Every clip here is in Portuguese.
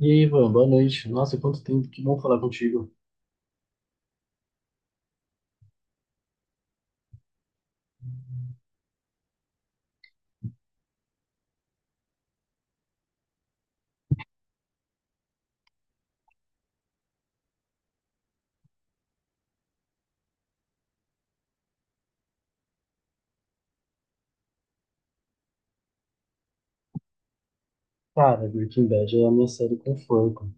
E aí, Ivan, boa noite. Nossa, quanto tempo, que bom falar contigo. Cara, Breaking Bad é a minha série conforto.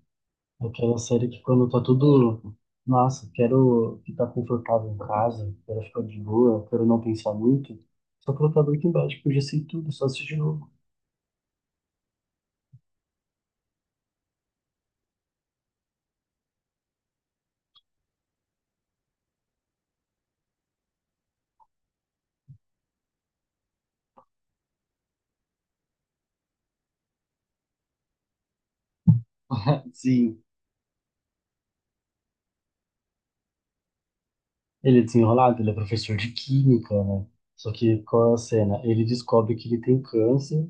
Aquela série que quando tá tudo, nossa, quero ficar confortável em casa, quero ficar de boa, quero não pensar muito. Só colocar Breaking Bad, porque eu já sei tudo, só assistir de novo. Sim, ele é desenrolado, ele é professor de química, né? Só que qual é a cena? Ele descobre que ele tem câncer,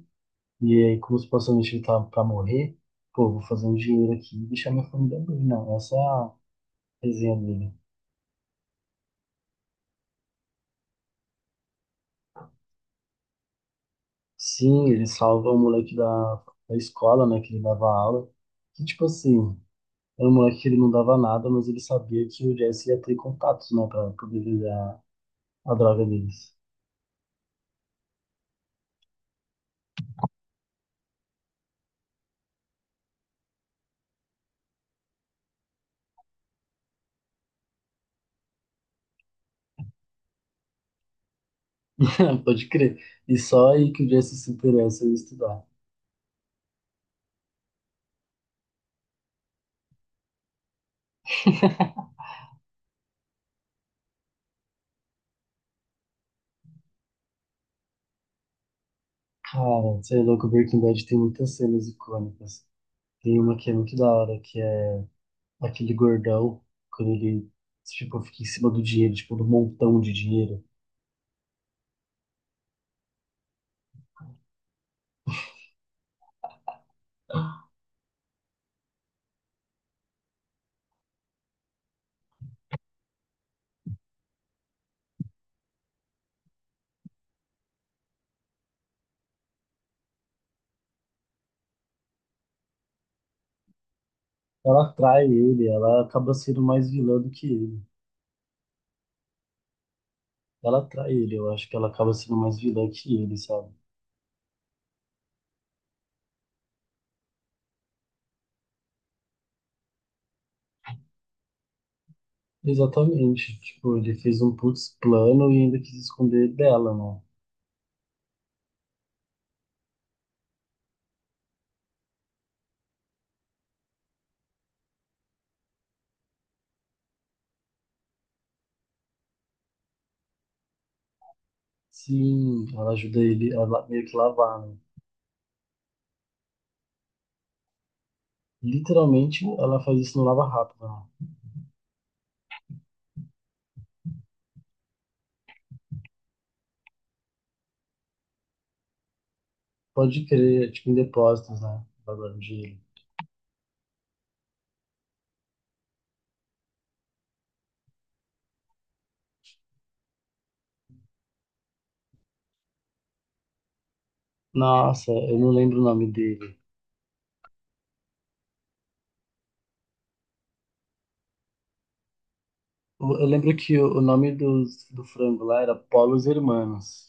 e aí, como supostamente ele tá pra morrer, pô, vou fazer um dinheiro aqui e deixar minha família bem. Não, essa é a resenha dele. Sim, ele salva o moleque da escola, né, que ele dava aula. Que, tipo assim, era um moleque que ele não dava nada, mas ele sabia que o Jesse ia ter contatos, né, pra poder vender a droga deles. Pode crer. E só aí que o Jesse se interessa em estudar. Cara, você é louco, Breaking Bad tem muitas cenas icônicas. Tem uma que é muito da hora, que é aquele gordão, quando ele, tipo, fica em cima do dinheiro, tipo, do montão de dinheiro. Ela atrai ele, ela acaba sendo mais vilã do que ele. Ela trai ele, eu acho que ela acaba sendo mais vilã que ele, sabe? Exatamente, tipo, ele fez um putz plano e ainda quis esconder dela, né? Sim, ela ajuda ele a meio que lavar, né? Literalmente, ela faz isso no lava-rápido, né? Pode crer, é tipo, em depósitos, né? Lavando dinheiro. Nossa, eu não lembro o nome dele. Eu lembro que o nome do, do frango lá era Paulo Hermanos.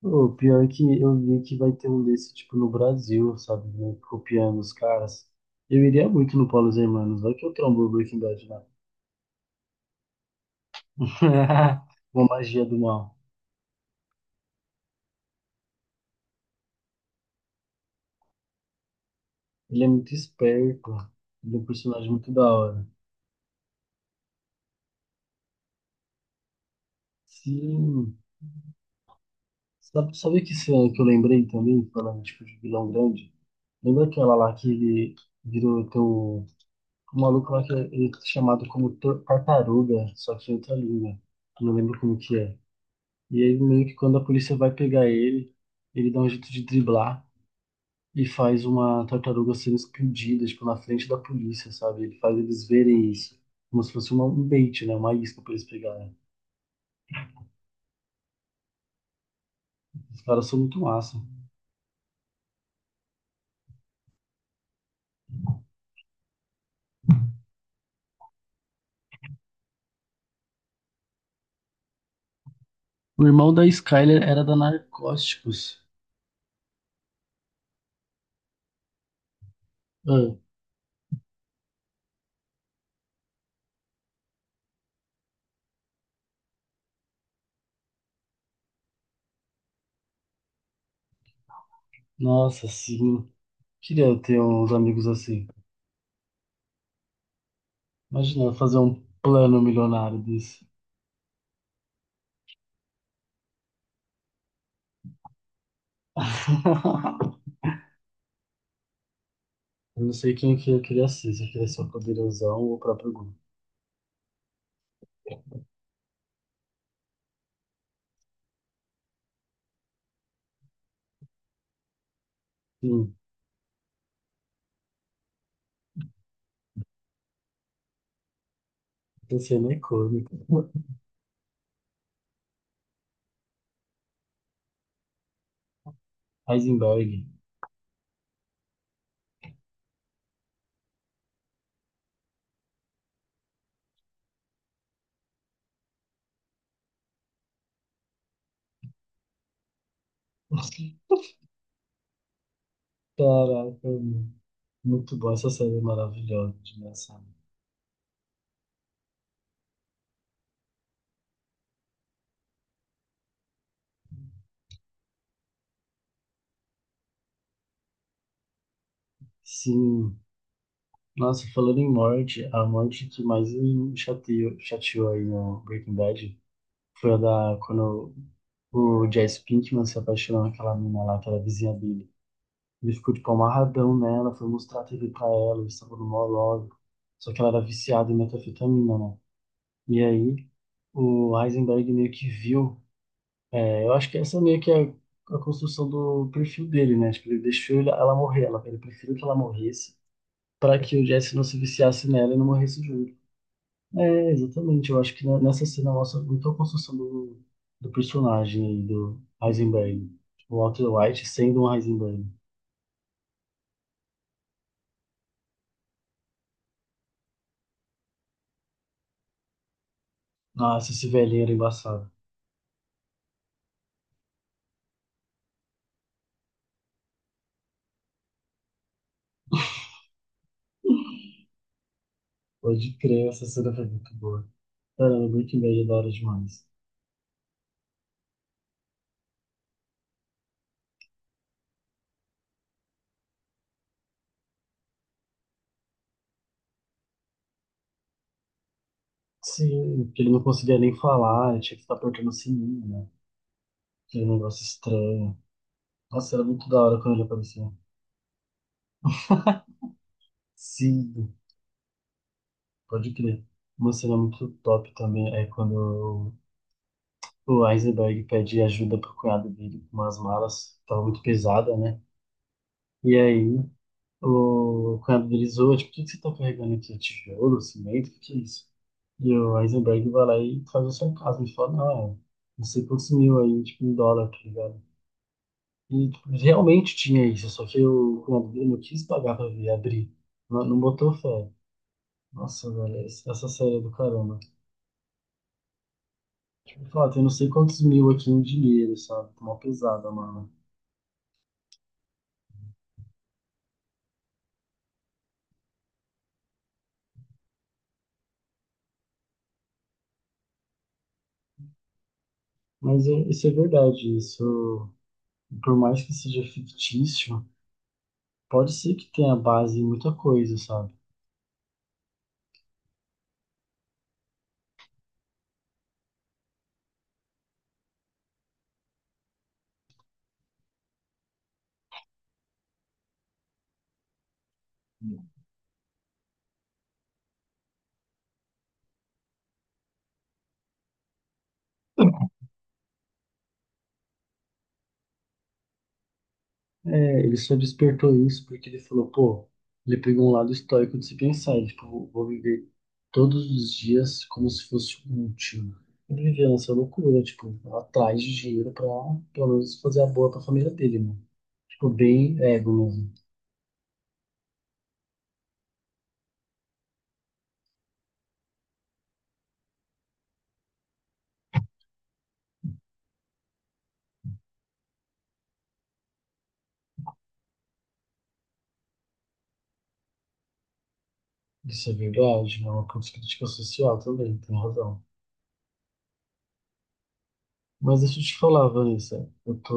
O pior é que eu vi que vai ter um desse, tipo, no Brasil, sabe? Né, copiando os caras. Eu iria muito no Paulo Hermanos, vai que eu trombo o Breaking Bad lá. Uma magia do mal. Ele é muito esperto, ele é um personagem muito da hora. Sim. Sabe, sabe que, isso é que eu lembrei também, falando, tipo, de vilão grande? Lembra aquela lá que ele virou teu... O maluco lá que é, ele é chamado como tartaruga, só que em outra língua. Eu não lembro como que é. E aí, meio que quando a polícia vai pegar ele, ele dá um jeito de driblar e faz uma tartaruga sendo explodida, tipo, na frente da polícia, sabe? Ele faz eles verem isso. Como se fosse uma, um bait, né? Uma isca pra eles pegarem. Os caras são muito massa. O irmão da Skyler era da Narcóticos. Ah, nossa, sim. Queria ter uns amigos assim. Imagina eu fazer um plano milionário desse. Eu não sei quem que eu queria ser, se eu queria ser o poderosão ou o próprio Gu. Sim. Luciano é cômico. Heisenberg. Caraca, mano. Muito bom, essa série é maravilhosa, engraçada. Sim, nossa, falando em morte, a morte que mais me chateou, chateou aí no Breaking Bad foi a da quando o Jesse Pinkman se apaixonou naquela mina lá, aquela vizinha dele. Ele ficou tipo amarradão nela, foi mostrar a TV pra ela, eles estavam no maior logo. Só que ela era viciada em metafetamina, né? E aí o Heisenberg meio que viu. É, eu acho que essa é meio que a construção do perfil dele, né? Acho que ele deixou ela morrer, ela, ele preferiu que ela morresse para que o Jesse não se viciasse nela e não morresse junto. É, exatamente. Eu acho que nessa cena mostra muito a construção do, do personagem aí, do Heisenberg. O Walter White sendo um Heisenberg. Nossa, esse velhinho era embaçado. Pode crer, essa cena foi muito boa. Caramba, Breaking Bad é da hora demais. Sim, que ele não conseguia nem falar, ele tinha que ficar apertando o sininho, né? Aquele negócio estranho. Nossa, era muito da hora quando ele aparecia. Sim, pode crer. Uma cena muito top também é quando o Heisenberg pede ajuda pro cunhado dele com umas malas, tava muito pesada, né? E aí o cunhado dele zoa, tipo, o que que você tá carregando aqui? Tijolo, cimento, o que que é isso? E o Heisenberg vai lá e faz o sarcasmo e fala, não, não sei quantos mil aí, tipo, em dólar, tá ligado? E tipo, realmente tinha isso, só que o cunhado dele não quis pagar pra ver, abrir. Não, não botou fé. Nossa, velho, essa série é do caramba. Tipo, fato, eu não sei quantos mil aqui em dinheiro, sabe? Tá, uma pesada, mano. Isso é verdade, isso, por mais que seja fictício, pode ser que tenha base em muita coisa, sabe? É, ele só despertou isso porque ele falou, pô, ele pegou um lado estoico de se pensar, ele, tipo, vou viver todos os dias como se fosse o último. Ele vivia nessa loucura, tipo, atrás de dinheiro pra, pelo menos, fazer a boa pra família dele, mano. Tipo, bem ego. Isso é verdade, não é uma crítica social também, tem razão. Mas deixa eu te falar, Vanessa. Eu tô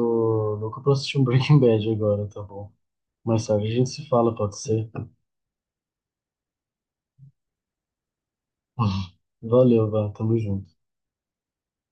louco pra assistir um Breaking Bad agora, tá bom? Mais tarde a gente se fala, pode ser? Valeu, Vá, tamo junto.